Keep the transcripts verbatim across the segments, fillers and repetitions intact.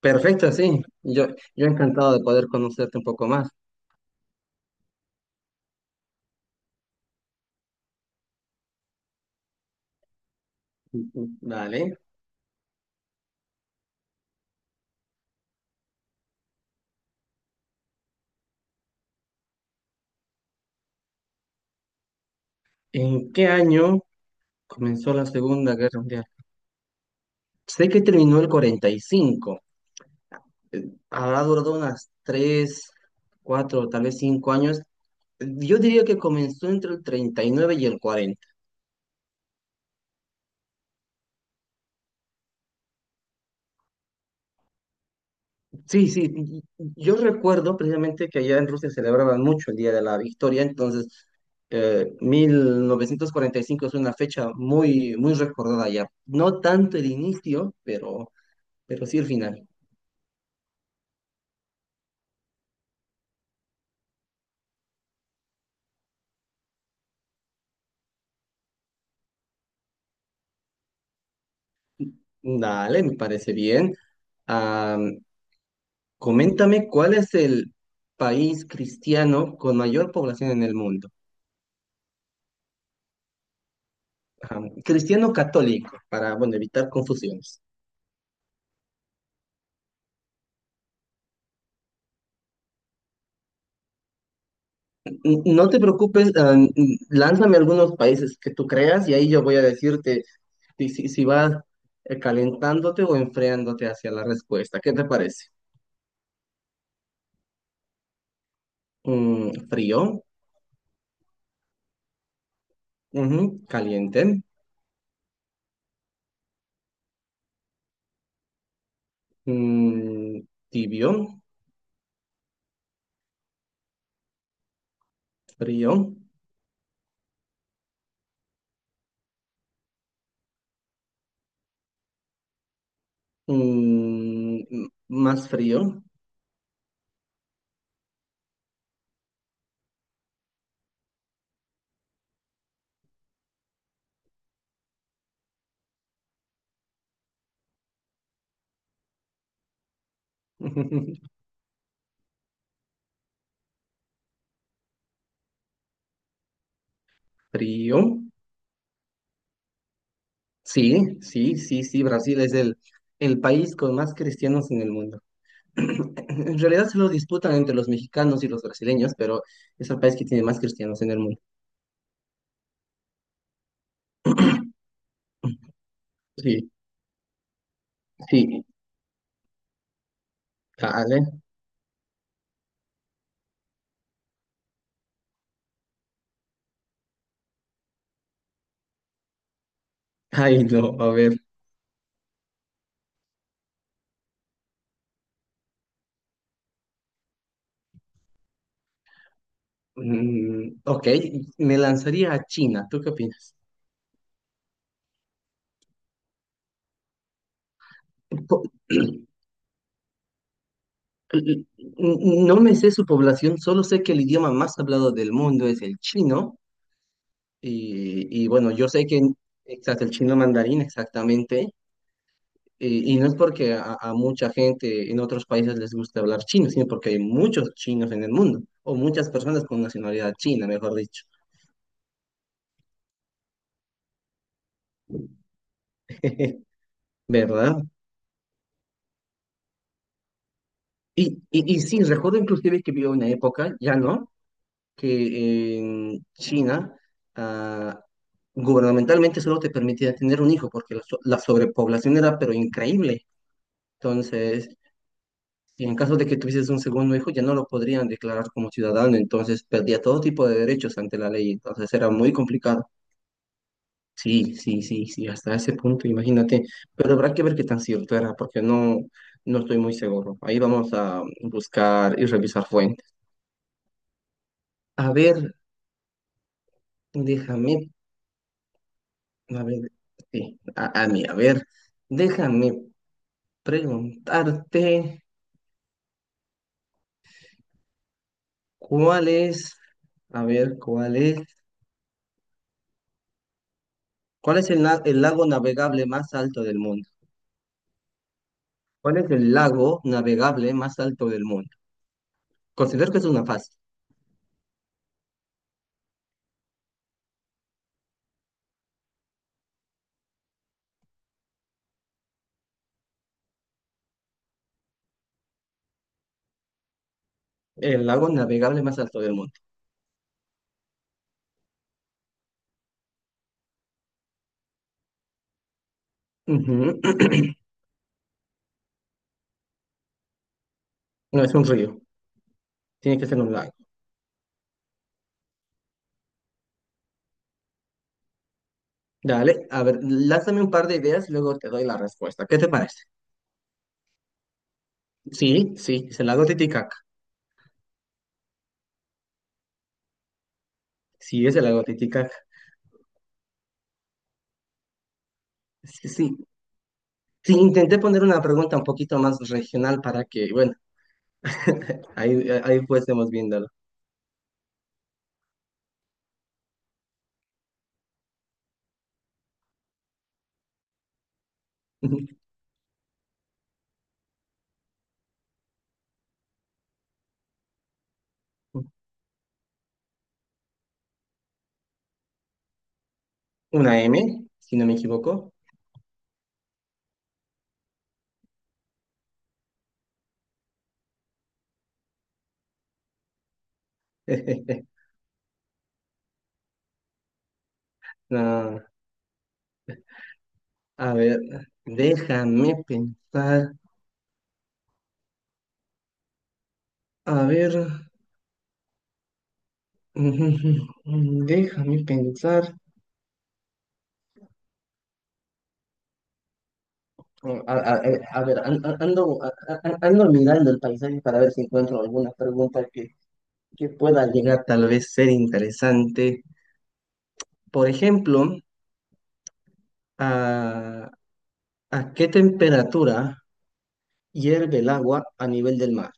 Perfecto, sí. Yo, yo encantado de poder conocerte un poco más. Vale. ¿En qué año comenzó la Segunda Guerra Mundial? Sé que terminó el cuarenta y cinco. eh, Habrá durado unas tres, cuatro, tal vez cinco años. Yo diría que comenzó entre el treinta y nueve y nueve y el cuarenta. Sí, sí, y- y- yo recuerdo precisamente que allá en Rusia celebraban mucho el Día de la Victoria, entonces eh, mil novecientos cuarenta y cinco es una fecha muy, muy recordada allá. No tanto el inicio, pero, pero sí el final. Dale, me parece bien. Ah, coméntame cuál es el país cristiano con mayor población en el mundo. Ah, cristiano católico, para, bueno, evitar confusiones. N- No te preocupes, ah, n- lánzame algunos países que tú creas y ahí yo voy a decirte si, si, si vas eh, calentándote o enfriándote hacia la respuesta. ¿Qué te parece? Mm, frío. Ujú, caliente. Mm, tibio. Frío. Mm, m- más frío. Frío. Sí, sí, sí, sí, Brasil es el, el país con más cristianos en el mundo. En realidad se lo disputan entre los mexicanos y los brasileños, pero es el país que tiene más cristianos en el mundo. Sí, sí, vale. Ay, no, a ver. Mm, ok, me lanzaría a China. ¿Tú qué opinas? Po- l- n- No me sé su población, solo sé que el idioma más hablado del mundo es el chino. Y, y bueno, yo sé que, exacto, el chino mandarín, exactamente. Y, y no es porque a, a mucha gente en otros países les gusta hablar chino, sino porque hay muchos chinos en el mundo, o muchas personas con nacionalidad china, mejor dicho. ¿Verdad? Y, y, y sí, recuerdo inclusive que vivió una época, ya no, que en China ah, gubernamentalmente solo te permitía tener un hijo, porque la, so- la sobrepoblación era pero increíble. Entonces, y en caso de que tuvieses un segundo hijo, ya no lo podrían declarar como ciudadano, entonces perdía todo tipo de derechos ante la ley, entonces era muy complicado. Sí, sí, sí, sí, hasta ese punto, imagínate. Pero habrá que ver qué tan cierto era, porque no, no estoy muy seguro. Ahí vamos a buscar y revisar fuentes. A ver, déjame, a ver, sí, a, a mí, a ver, déjame preguntarte cuál es, a ver, cuál es, cuál es el, na- el lago navegable más alto del mundo. ¿Cuál es el lago navegable más alto del mundo? Considero que es una fase. El lago navegable más alto del mundo. Ujú. No es un río, tiene que ser un lago. Dale, a ver, lánzame un par de ideas, luego te doy la respuesta. ¿Qué te parece? Sí, sí, es el lago Titicaca. Sí, es el lago Titicaca. Sí, sí. Sí, intenté poner una pregunta un poquito más regional para que, bueno, ahí, ahí pues estemos viéndolo. Una M, si no me equivoco. No. A ver, déjame pensar. A ver, déjame pensar. A, a- a- a ver, an- an- ando, a- a- ando mirando el paisaje para ver si encuentro alguna pregunta que, que pueda llegar tal vez ser interesante. Por ejemplo, ¿a, ¿a qué temperatura hierve el agua a nivel del mar?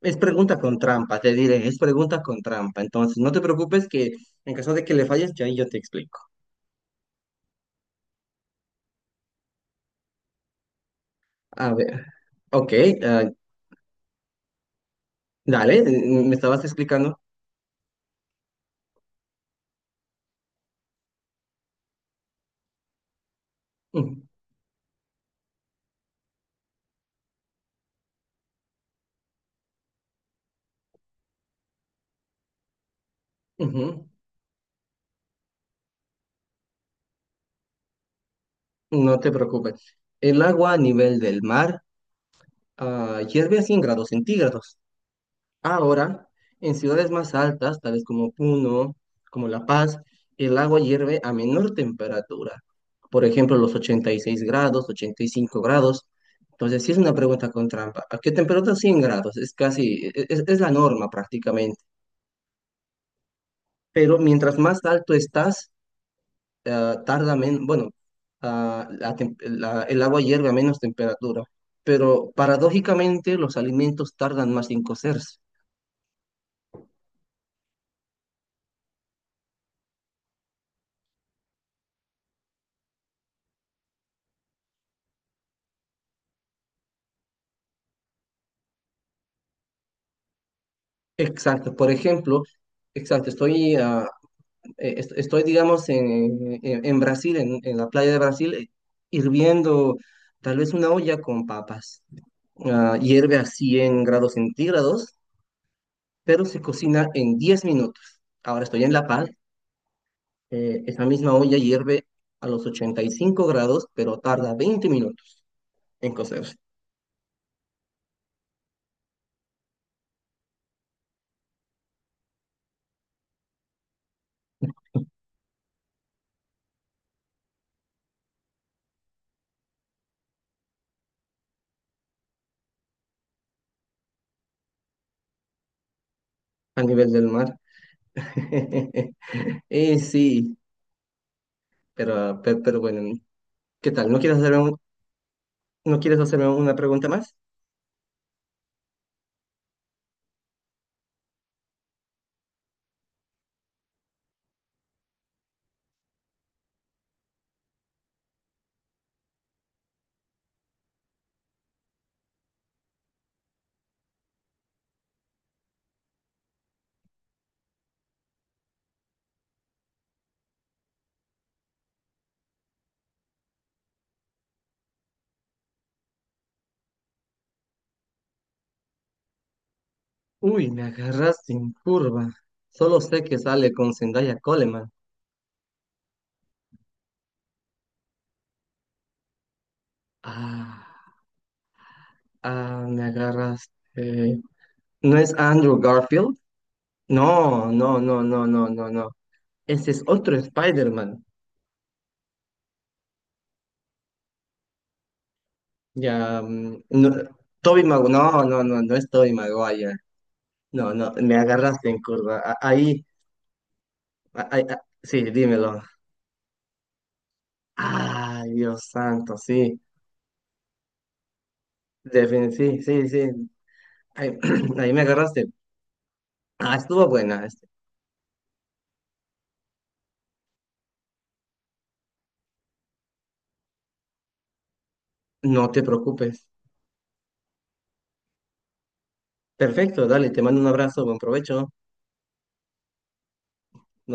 Es pregunta con trampa, te diré, es pregunta con trampa. Entonces, no te preocupes que en caso de que le falles, yo ahí yo te explico. A ver. Ok, eh, Dale, eh, me estabas explicando. Ujú, ujú, No te preocupes. El agua a nivel del mar ah, hierve a cien grados centígrados. Ahora, en ciudades más altas, tales como Puno, como La Paz, el agua hierve a menor temperatura. Por ejemplo, los ochenta y seis grados, ochenta y cinco grados. Entonces, sí es una pregunta con trampa. ¿A qué temperatura cien grados? Es casi, e- es es la norma prácticamente. Pero mientras más alto estás, ah, tarda menos, bueno, ah, la tem- la- el agua hierve a menos temperatura, pero paradójicamente los alimentos tardan más en cocerse. Exacto, por ejemplo, exacto, estoy, ah, eh, est- estoy digamos, en, en- en Brasil, en, en la playa de Brasil, eh, hirviendo tal vez una olla con papas. Ah, hierve a cien grados centígrados, pero se cocina en diez minutos. Ahora estoy en La Paz. Eh, esa misma olla hierve a los ochenta y cinco grados, pero tarda veinte minutos en cocerse a nivel del mar. Y sí, pero, pe- pero, bueno, ¿qué tal? ¿No quieres hacerme un- ¿no quieres hacerme una pregunta más? Uy, me agarras sin curva. Solo sé que sale con Zendaya Coleman. Ah, ah, Me agarraste. ¿No es Andrew Garfield? No, no, no, no, no, no, no. Ese es otro Spider-Man. Ya, mm, no, Tobey Magu- no, no, no, no es Tobey Maguire. No, no, me agarraste en curva. A- Ahí, a- ahí, a- sí, dímelo. Ay, Dios santo, sí, defin- sí, sí, sí. Ahí, ahí me agarraste. Ah, estuvo buena. Este. No te preocupes. Perfecto, dale, te mando un abrazo, buen provecho. Nos